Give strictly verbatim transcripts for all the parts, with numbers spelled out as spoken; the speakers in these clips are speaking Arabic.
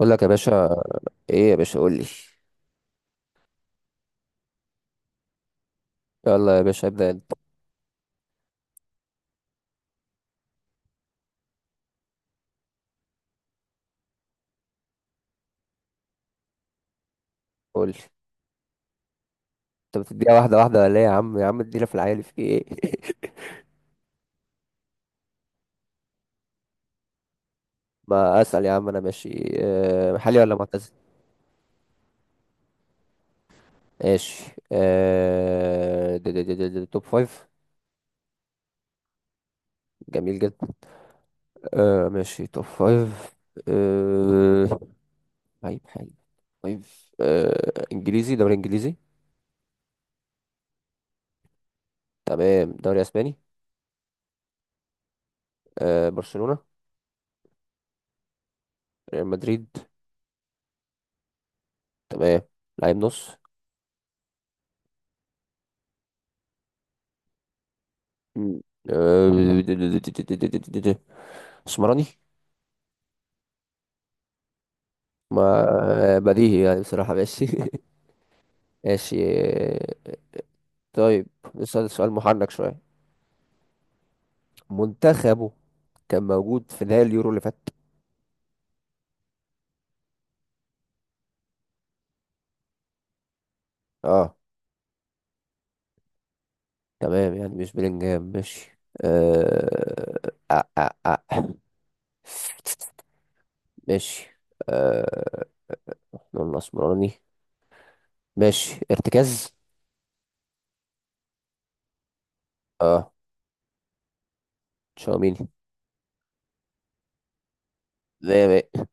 اقول لك يا باشا، ايه يا باشا قول لي. يلا يا باشا ابدا انت. قول لي، انت بتديها واحده واحده ولا ايه؟ يا عم يا عم ادينا في العيال في ايه؟ ما اسال يا عم. انا ماشي. آه، محلي ولا معتزل؟ ماشي. آه، ده- ده- ده- ده- ده توب فايف. جميل جدا. آه، ماشي، توب فايف. آه، طيب حلو. فايف، آه، انجليزي، دوري انجليزي؟ تمام، دوري اسباني؟ آه، برشلونه؟ ريال مدريد؟ تمام. لعيب نص. مم. آه، اسمراني. ما بديهي يعني، بصراحة. ماشي ماشي. طيب، نسأل سؤال محنك شوية. منتخبه كان موجود في نهائي اليورو اللي فات؟ اه. تمام، يعني مش بلينجهام. ماشي. آه... آه... آه... آه. ماشي. آه... نقول اسمراني. ماشي، ارتكاز؟ اه، تشاوميني. زي ما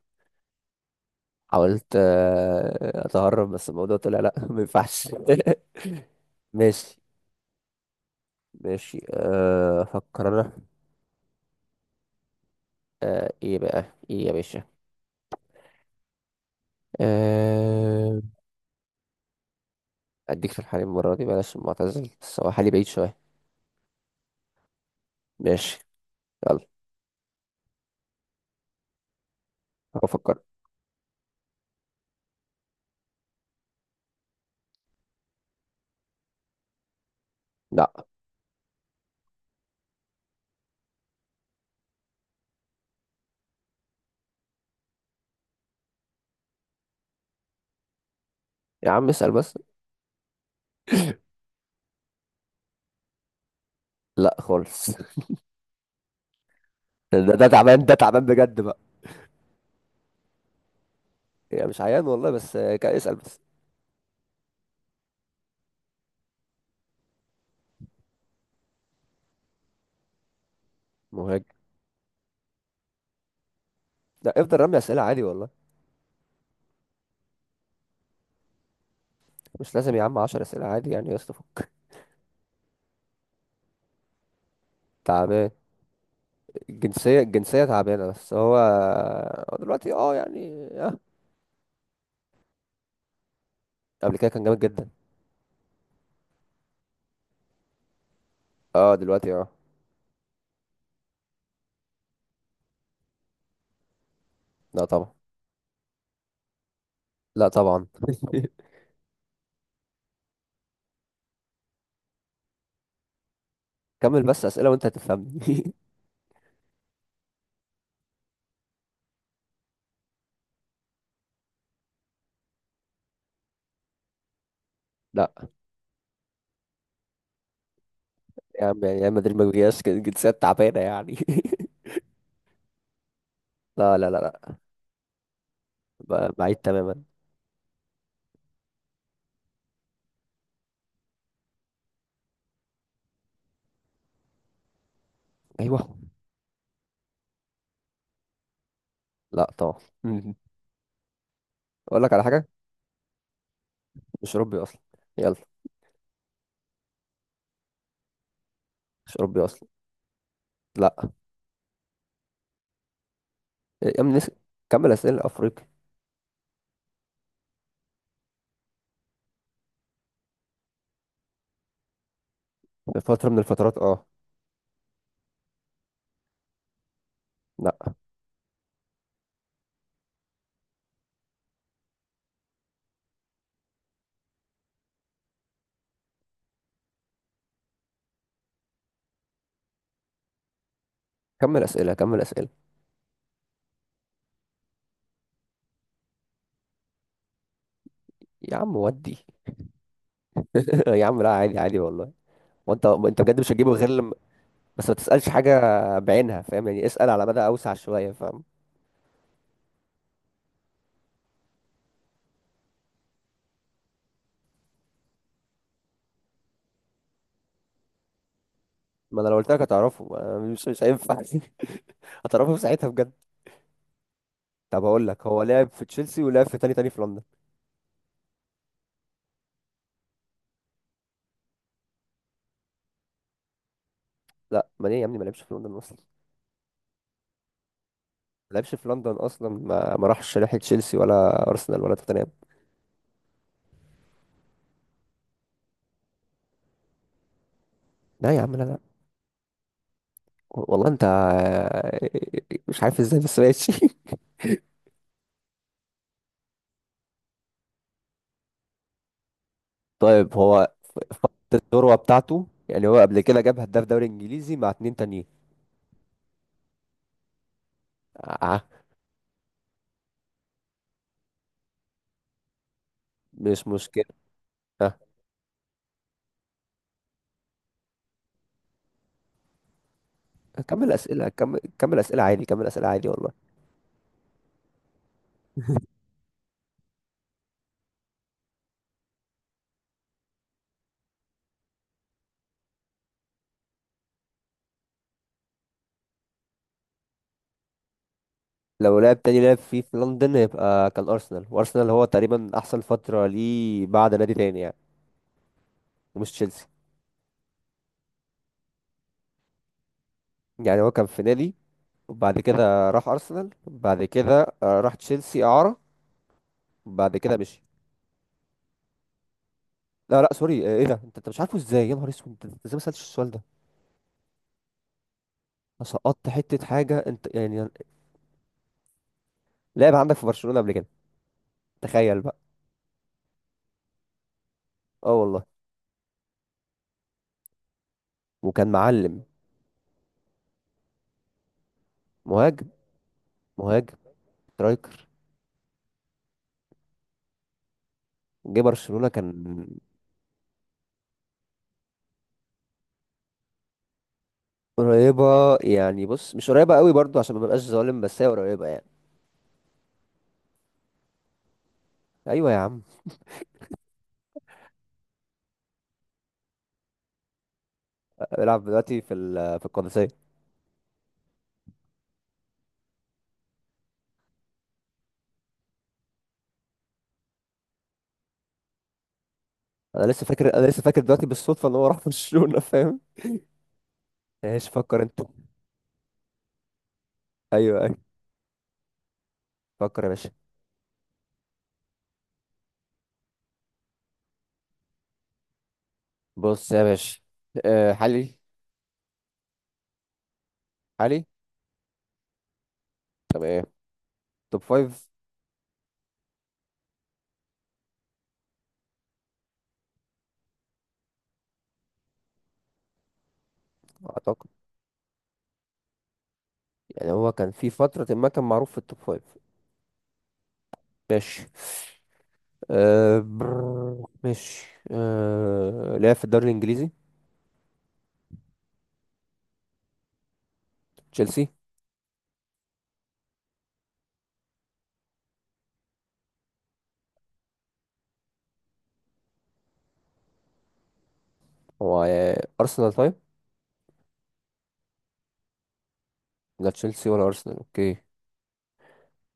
حاولت آه، اتهرب، بس الموضوع طلع لا ما ينفعش. ماشي. ماشي، آه، افكر انا. آه، ايه بقى، ايه يا باشا؟ أه... اديك في الحليب المرة دي، بلاش معتزل، بس هو حالي بعيد شوية. ماشي. يلا، افكر. لا يا عم اسأل بس. لا خالص ده ده تعبان، ده تعبان بجد بقى. يعني مش عيان والله، بس آه، كا- اسأل بس. مهاجم. لا افضل رمي اسئلة عادي والله. مش لازم يا عم عشرة اسئله اسئلة، عادي يعني يا اسطى، فك. تعبان. الجنسية الجنسية تعبانة، بس هو هو دلوقتي اه يعني اه. قبل كده كان جامد جدا. اه، دلوقتي اه. لا طبعا، لا طبعا. كمل بس اسئله وانت هتفهمني لا يا عم، يعني ريال مدريد ما بيجيش جنسيات تعبانه يعني. لا لا لا لا، ب- بعيد تماما. ايوه، لا طبعا. مم. اقول لك على حاجه، مش اوروبي اصلا. يلا، مش اوروبي اصلا. لا يا عم نس... كمل اسئله. افريقي. في فتره من الفترات اه. لا. كمل اسئله كمل اسئله، يا عم ودي. يا عم لا، عادي، عادي والله. وانت انت بجد مش هتجيبه غير لما. بس ما تسالش حاجه بعينها، فاهم يعني؟ اسال على مدى اوسع شويه، فاهم؟ ما انا لو قلت لك هتعرفه، أنا مش مش هينفع. هتعرفه في ساعتها بجد. طب هقول لك، هو لعب في تشيلسي، ولعب في تاني تاني في لندن. لا ما ليه يا ابني، ما لعبش في لندن اصلا. ما لعبش في لندن اصلا. ما, ما راحش ناحيه تشيلسي ولا ارسنال ولا توتنهام. لا يا عم، لا لا والله. انت مش عارف ازاي، بس ماشي طيب، هو في فترة الذروه بتاعته، يعني هو قبل كده جاب هداف دوري انجليزي مع اتنين تانيين. اه. مش مشكله. اه. كمل اسئله، كمل كمل اسئله عادي، كمل اسئله عادي والله. لو لعب تاني، لعب فيه في لندن، هيبقى كان أرسنال. وأرسنال هو تقريبا أحسن فترة ليه بعد نادي تاني يعني. ومش تشيلسي. يعني هو كان في نادي، وبعد كده راح أرسنال، بعد كده آه، راح تشيلسي إعارة، بعد كده مشي. لا لا، سوري. آه، ايه ده، انت انت مش عارفه ازاي؟ يا نهار اسود، انت إنت ازاي ما سألتش السؤال ده؟ أنا سقطت حتة حاجة، انت يعني، لعب عندك في برشلونة قبل كده. تخيل بقى. اه والله، وكان معلم. مهاجم. مهاجم، سترايكر. جه برشلونة كان قريبة يعني، بص، مش قريبة قوي برضو عشان ما ببقاش ظالم، بس هي قريبة يعني. ايوه يا عم. بلعب دلوقتي في ال- في القادسية. انا لسه فاكر انا لسه فاكر دلوقتي بالصدفة ان هو راح برشلونة، فاهم؟ ايش فكر انت. ايوه ايوه. فكر يا باشا. بص يا باشا، أه حالي، حالي؟ طب ايه؟ توب فايف. اعتقد، يعني هو كان في فترة ما كان معروف في التوب فايف. ماشي. أه برر، ماشي، أه لعب في الدوري الانجليزي؟ تشيلسي؟ هو آه، ارسنال؟ طيب، لا تشيلسي ولا ارسنال، اوكي.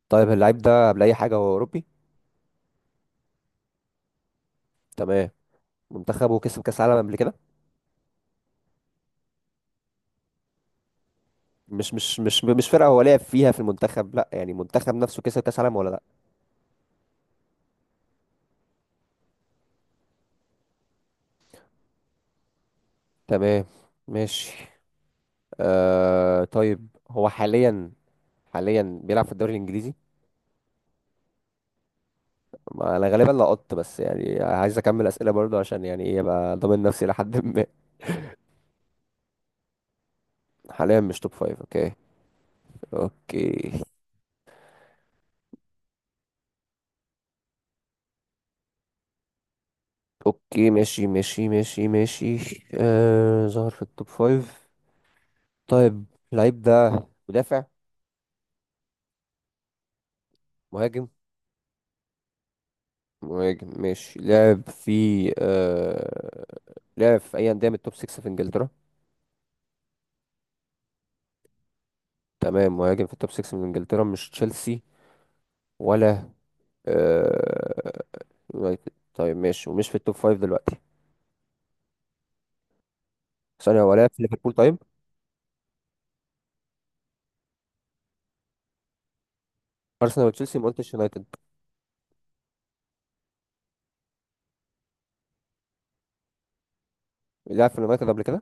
طيب، اللعيب ده، قبل اي حاجه، هو اوروبي. تمام. منتخبه كسب كاس عالم قبل كده؟ مش مش مش مش فرقه هو لعب فيها في المنتخب، لا، يعني منتخب نفسه كسب كاس عالم ولا لا. تمام، ماشي. آه طيب، هو حاليا، حاليا بيلعب في الدوري الانجليزي. ما انا غالبا لقطت، بس يعني عايز اكمل اسئله برضه، عشان يعني ايه، ابقى ضامن نفسي لحد ما. حاليا مش توب فايف، اوكي. اوكي، اوكي، ماشي ماشي ماشي ماشي. آه، ظهر في التوب فايف. طيب اللعيب ده، مدافع؟ مهاجم. مهاجم، ماشي، لعب في آه... لعب في اي انديه من التوب سته في انجلترا؟ تمام، مهاجم في التوب سته من انجلترا، مش تشيلسي ولا آه... يونايتد. طيب ماشي، ومش في التوب خمسه دلوقتي. ثانيه، هو لعب في ليفربول؟ طيب، ارسنال وتشيلسي، ما قلتش يونايتد. لعب في اليونايتد قبل كده؟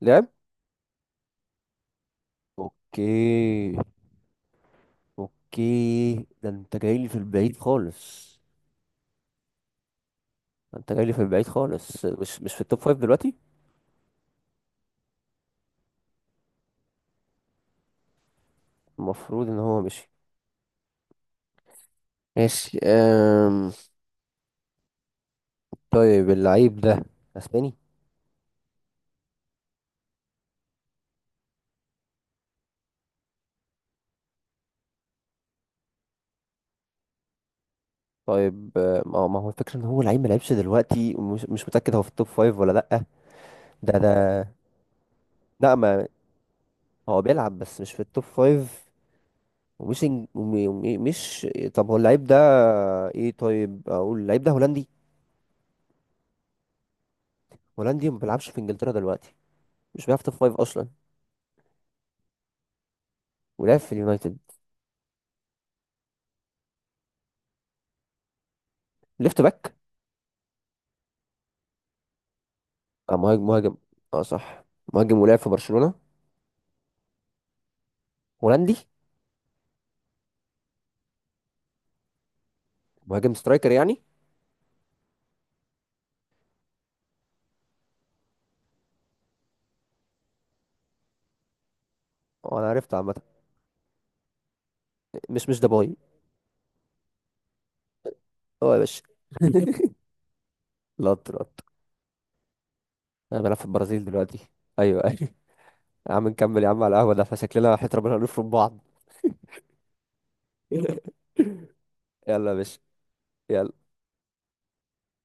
لعب. اوكي، اوكي. ده انت جاي لي في البعيد خالص. ده انت جاي لي في البعيد خالص، مش مش في التوب خمسه دلوقتي. المفروض ان هو مشي. ماشي. طيب اللعيب ده، اسباني؟ طيب آه، ما ما هو الفكره ان هو لعيب ما لعبش دلوقتي، ومش مش متاكد هو في التوب فايف ولا لا. ده ده لا ما هو بيلعب، بس مش في التوب فايف. ومش إنج- وم- وم- مش طب هو اللعيب ده ايه؟ طيب، اقول اللعيب ده هولندي. هولندي، وما بيلعبش في انجلترا دلوقتي، مش بيلعب في التوب فايف اصلا، ولعب في اليونايتد، ليفت باك. اه مهاجم، مهاجم. اه صح، مهاجم، ولعب في برشلونه، هولندي، مهاجم، سترايكر يعني. اه انا عرفت، عامه، مش مش دباي. اه يا باشا لط لط. انا بلعب في البرازيل دلوقتي. ايوه ايوه. يا عم نكمل يا عم على القهوه، ده فشكلنا وحياة ربنا هنفرم بعض. يلا يا باشا، يلا.